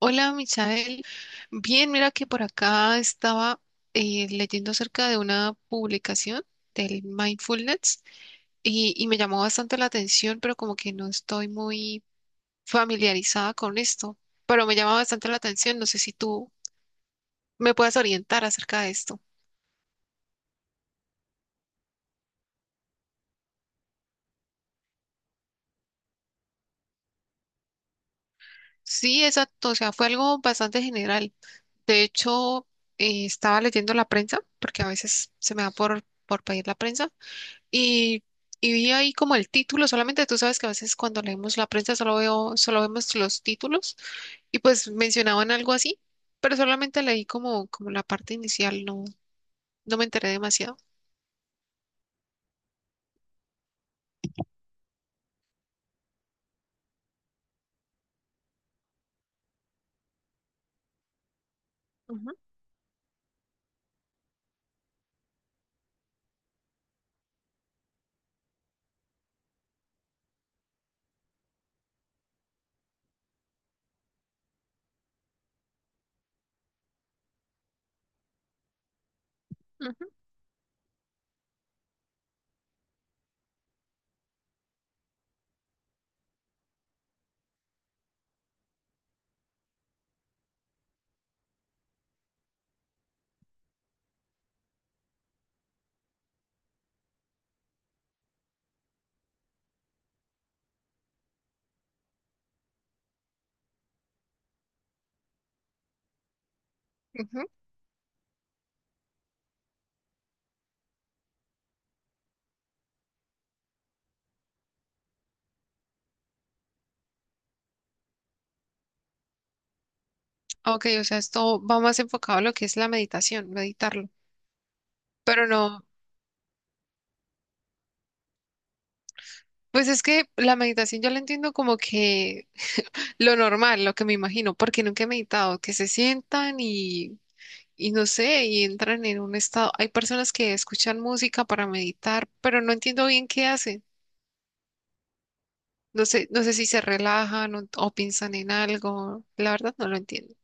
Hola, Michael. Bien, mira que por acá estaba leyendo acerca de una publicación del mindfulness y me llamó bastante la atención, pero como que no estoy muy familiarizada con esto, pero me llama bastante la atención. No sé si tú me puedes orientar acerca de esto. Sí, exacto. O sea, fue algo bastante general. De hecho, estaba leyendo la prensa, porque a veces se me da por pedir la prensa. Y, y vi ahí como el título, solamente tú sabes que a veces cuando leemos la prensa solo vemos los títulos y pues mencionaban algo así, pero solamente leí como la parte inicial, no, no me enteré demasiado. Ujú, ujú. Ujú. Ok, o sea, esto va más enfocado a lo que es la meditación, meditarlo. Pero no, pues es que la meditación yo la entiendo como que lo normal, lo que me imagino, porque nunca he meditado, que se sientan y no sé, y entran en un estado. Hay personas que escuchan música para meditar, pero no entiendo bien qué hacen. No sé, no sé si se relajan o piensan en algo. La verdad no lo entiendo.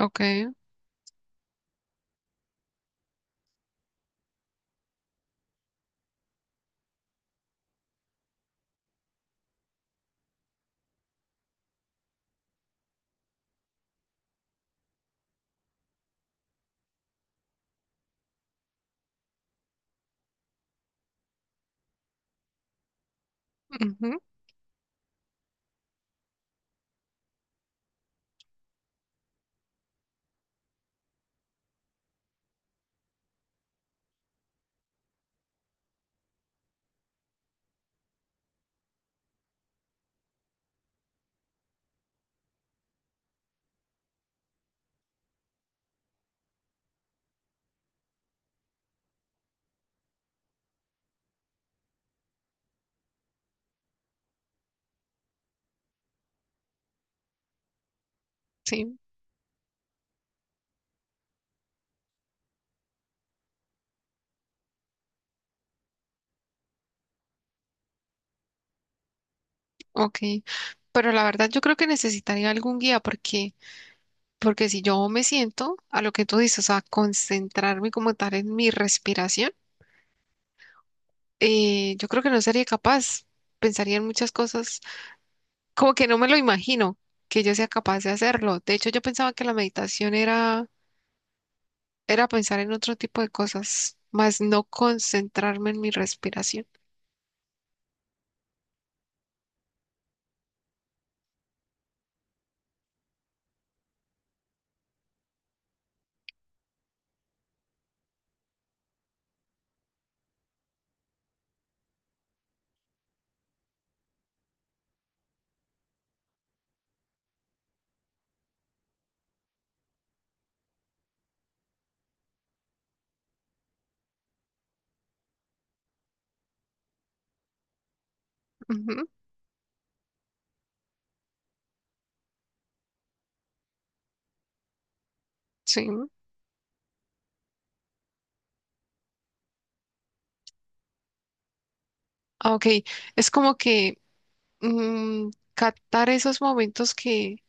Ok, ujú, sí, ok. Pero la verdad yo creo que necesitaría algún guía porque si yo me siento a lo que tú dices, a concentrarme como tal en mi respiración, yo creo que no sería capaz. Pensaría en muchas cosas como que no me lo imagino que yo sea capaz de hacerlo. De hecho, yo pensaba que la meditación era pensar en otro tipo de cosas, más no concentrarme en mi respiración. Ujú, sí. Ah, ok, es como que captar esos momentos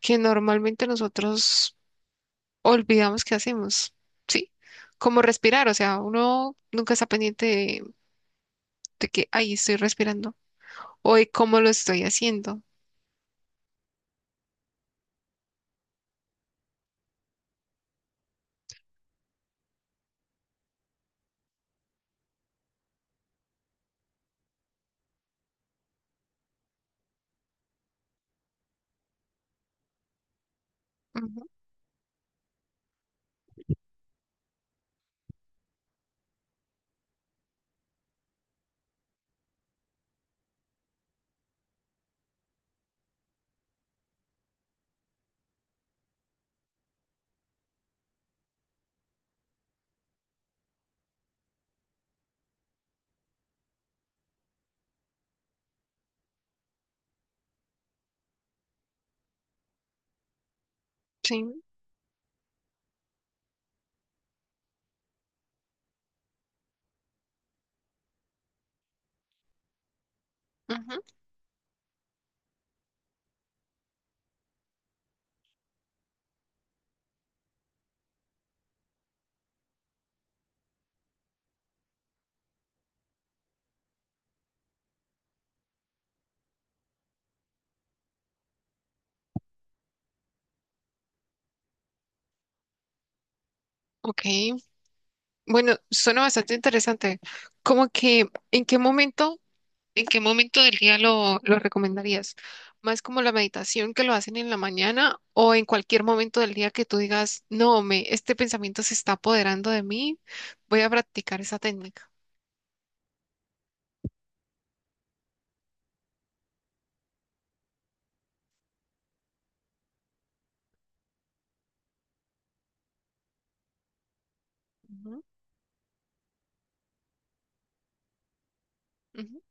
que normalmente nosotros olvidamos que hacemos, ¿sí? Como respirar, o sea, uno nunca está pendiente de que ahí estoy respirando o de cómo lo estoy haciendo. Ujú, sí. Ujú, ok. Bueno, suena bastante interesante. Como que, en qué momento del día lo recomendarías? ¿Más como la meditación que lo hacen en la mañana o en cualquier momento del día que tú digas, no, me, este pensamiento se está apoderando de mí, voy a practicar esa técnica? Ujú,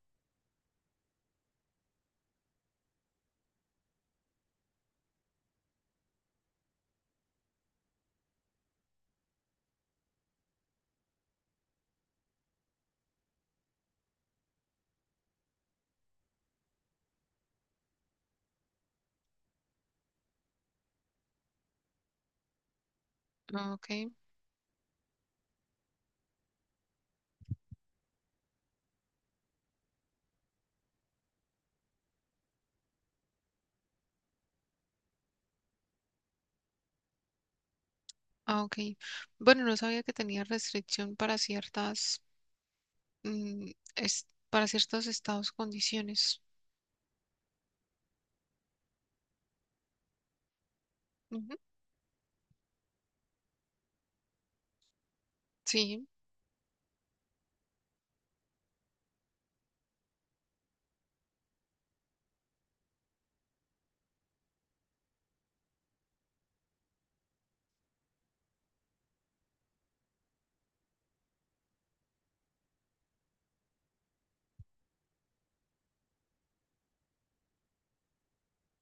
ah, ok, ah, ok. Bueno, no sabía que tenía restricción para ciertas, es- para ciertos estados, condiciones. Ujú, sí,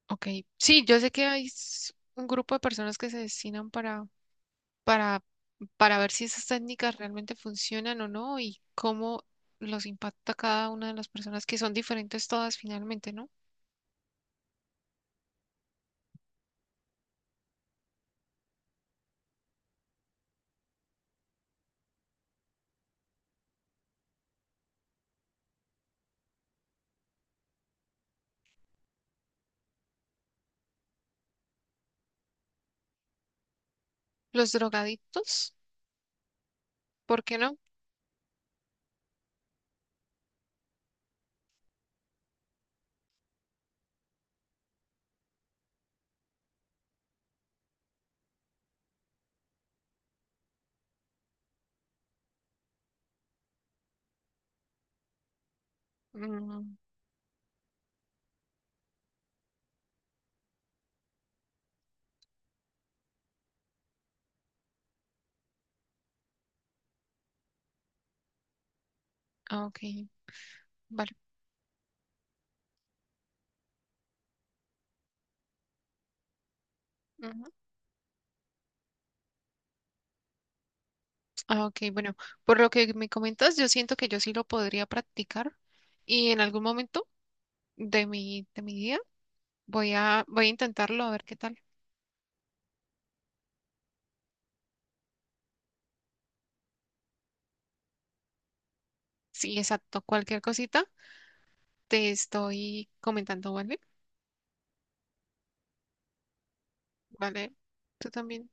ok. Sí, yo sé que hay s- un grupo de personas que se destinan para, para ver si esas técnicas realmente funcionan o no y cómo los impacta cada una de las personas, que son diferentes todas finalmente, ¿no? Los drogadictos, ¿por qué no? Mm, ah, ok, vale. Ah, ok, bueno, por lo que me comentas, yo siento que yo sí lo podría practicar y en algún momento de mi día voy a, voy a intentarlo a ver qué tal. Sí, exacto, cualquier cosita te estoy comentando, ¿vale? Vale, tú también.